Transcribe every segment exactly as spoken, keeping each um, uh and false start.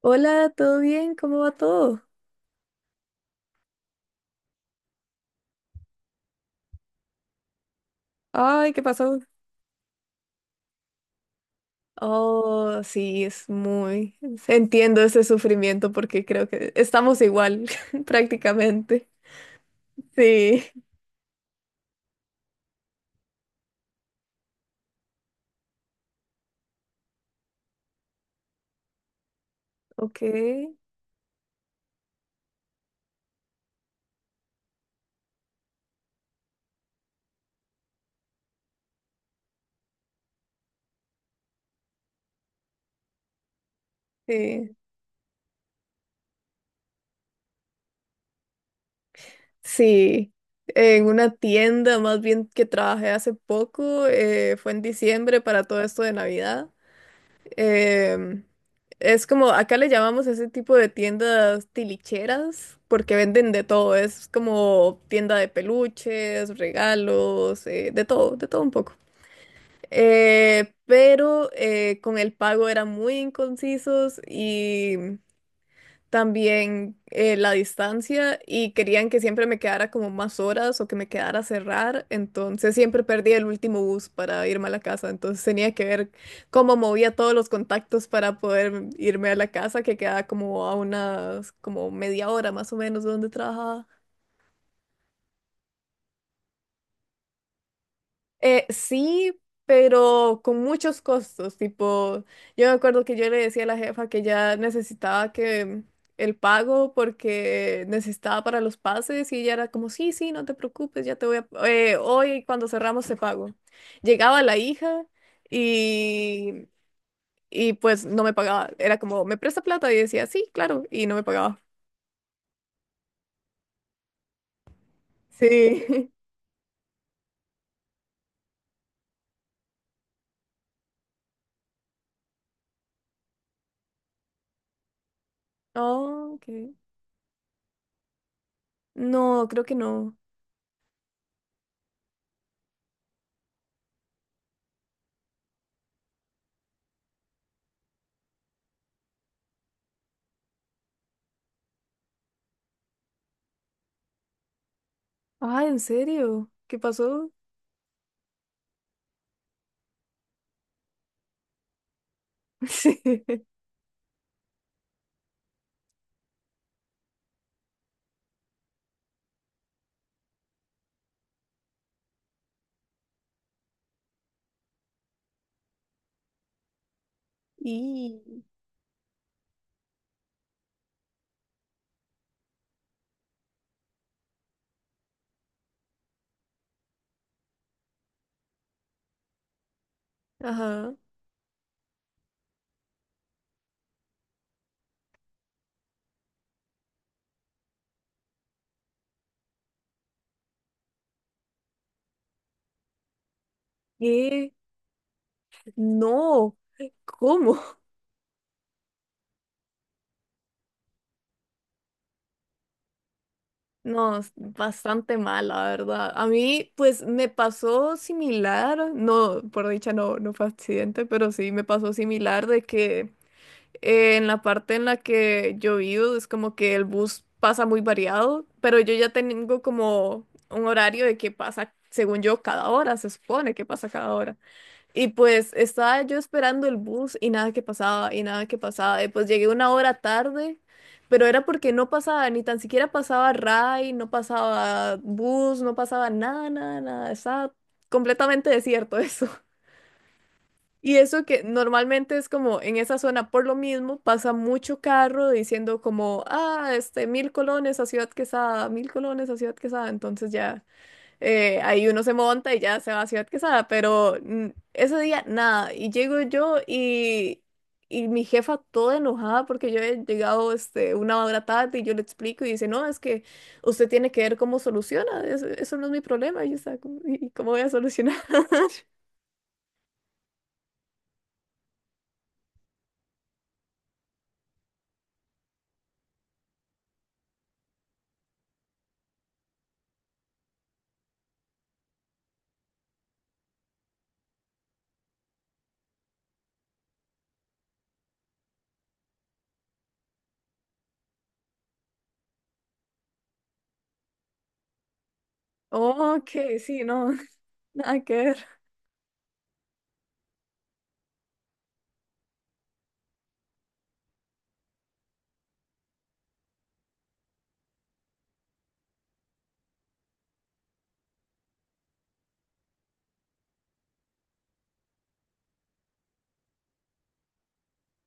Hola, ¿todo bien? ¿Cómo va todo? Ay, ¿qué pasó? Oh, sí, es muy... Entiendo ese sufrimiento porque creo que estamos igual prácticamente. Sí, ok, sí. Sí, en una tienda más bien que trabajé hace poco, eh, fue en diciembre para todo esto de Navidad. Em, es como, acá le llamamos ese tipo de tiendas tilicheras, porque venden de todo, es como tienda de peluches, regalos, eh, de todo, de todo un poco. Eh, pero eh, con el pago eran muy inconcisos y también eh, la distancia y querían que siempre me quedara como más horas o que me quedara a cerrar, entonces siempre perdí el último bus para irme a la casa, entonces tenía que ver cómo movía todos los contactos para poder irme a la casa, que quedaba como a unas como media hora más o menos de donde trabajaba. Eh, sí, pero con muchos costos, tipo, yo me acuerdo que yo le decía a la jefa que ya necesitaba que el pago porque necesitaba para los pases y ella era como, sí, sí, no te preocupes, ya te voy a, eh, hoy cuando cerramos te pago. Llegaba la hija y, y pues no me pagaba, era como, ¿me presta plata? Y decía, sí, claro, y no me pagaba. Sí. Oh, ok. No, creo que no. Ah, ¿en serio? ¿Qué pasó? Y, ajá. ¿Qué? No. ¿Cómo? No, es bastante mal, la verdad. A mí, pues, me pasó similar. No, por dicha no, no fue accidente, pero sí me pasó similar de que eh, en la parte en la que yo vivo es como que el bus pasa muy variado, pero yo ya tengo como un horario de que pasa, según yo, cada hora, se supone que pasa cada hora. Y pues estaba yo esperando el bus y nada que pasaba, y nada que pasaba. Y pues llegué una hora tarde, pero era porque no pasaba, ni tan siquiera pasaba R A I, no pasaba bus, no pasaba nada, nada, nada. Estaba completamente desierto eso. Y eso que normalmente es como en esa zona, por lo mismo, pasa mucho carro diciendo como, ah, este, mil colones a Ciudad Quesada, mil colones a Ciudad Quesada. Entonces ya eh, ahí uno se monta y ya se va a Ciudad Quesada, pero mm, ese día nada. Y llego yo y, y mi jefa toda enojada porque yo he llegado este, una hora tarde y yo le explico y dice, no, es que usted tiene que ver cómo soluciona, eso, eso no es mi problema. Y yo estaba como, "¿Y cómo voy a solucionar? Ok, sí, no, nada que ver.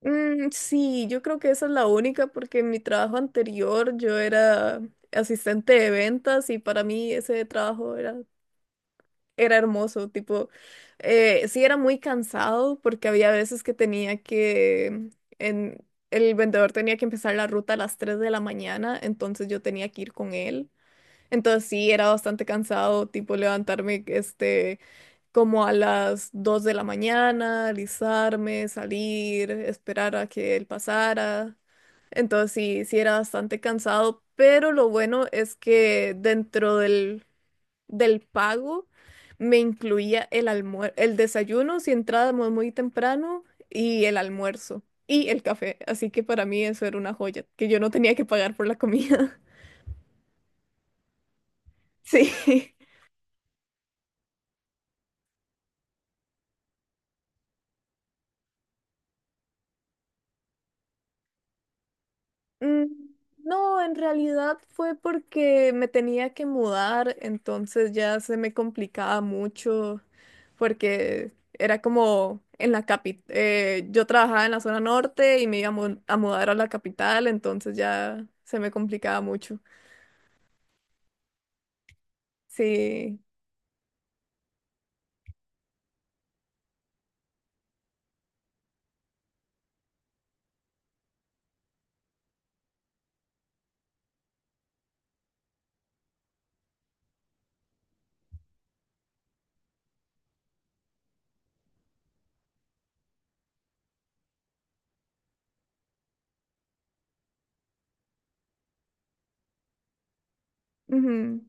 Mm, sí, yo creo que esa es la única porque en mi trabajo anterior yo era asistente de ventas y para mí ese trabajo era era hermoso, tipo, eh, sí era muy cansado porque había veces que tenía que, en, el vendedor tenía que empezar la ruta a las tres de la mañana, entonces yo tenía que ir con él. Entonces sí, era bastante cansado, tipo levantarme, este, como a las dos de la mañana, alisarme, salir, esperar a que él pasara. Entonces sí, sí era bastante cansado, pero lo bueno es que dentro del del pago me incluía el almuer- el desayuno si entrábamos muy temprano y el almuerzo y el café. Así que para mí eso era una joya, que yo no tenía que pagar por la comida. Sí. Mm, No, en realidad fue porque me tenía que mudar, entonces ya se me complicaba mucho porque era como en la capital. Yo trabajaba en la zona norte y me iba a, mu- a mudar a la capital, entonces ya se me complicaba mucho. Sí. Ujú.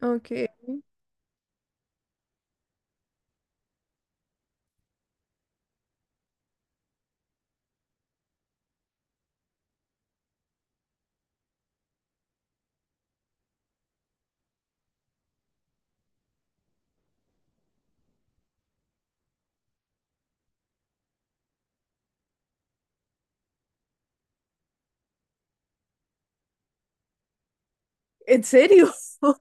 Ok. ¿En serio?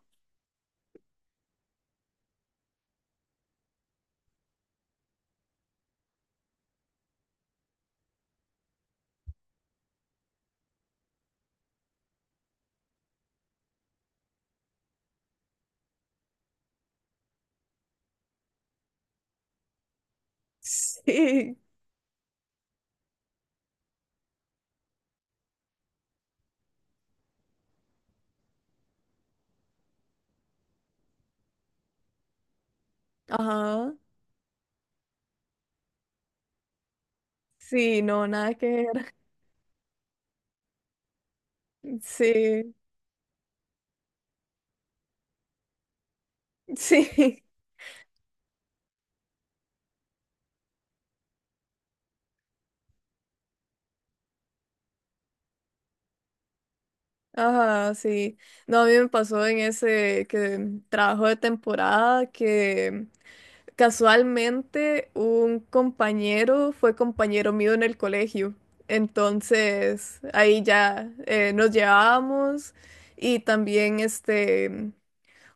Sí. Ajá. Sí, no, nada que ver. Sí. Sí. Ajá, sí. No, a mí me pasó en ese que trabajo de temporada que casualmente un compañero fue compañero mío en el colegio. Entonces, ahí ya eh, nos llevábamos y también este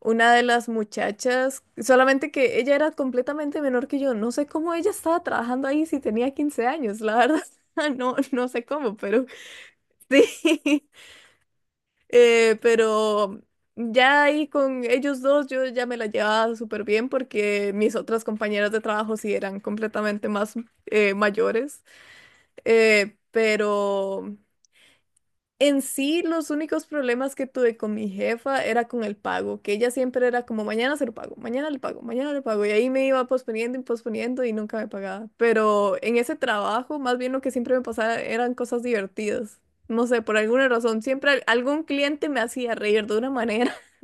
una de las muchachas, solamente que ella era completamente menor que yo. No sé cómo ella estaba trabajando ahí si tenía quince años, la verdad. No, no sé cómo, pero sí. Eh, pero ya ahí con ellos dos yo ya me la llevaba súper bien porque mis otras compañeras de trabajo sí eran completamente más eh, mayores. Eh, pero... En sí, los únicos problemas que tuve con mi jefa era con el pago, que ella siempre era como mañana se lo pago, mañana le pago, mañana le pago, y ahí me iba posponiendo y posponiendo y nunca me pagaba. Pero en ese trabajo, más bien lo que siempre me pasaba eran cosas divertidas. No sé, por alguna razón, siempre al- algún cliente me hacía reír de una manera,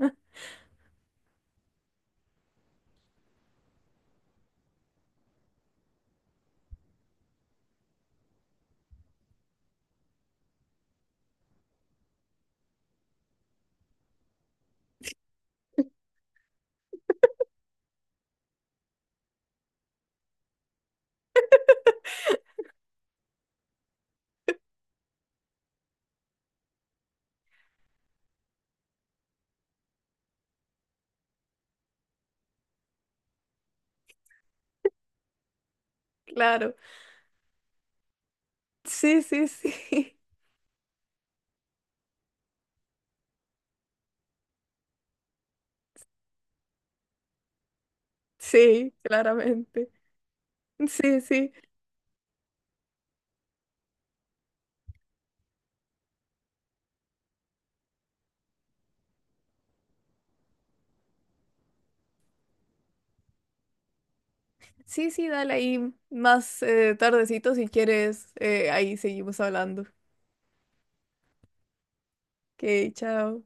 claro. Sí, sí, sí, sí, claramente. Sí, sí. Sí, sí, dale ahí más eh, tardecito si quieres, eh, ahí seguimos hablando. Ok, chao.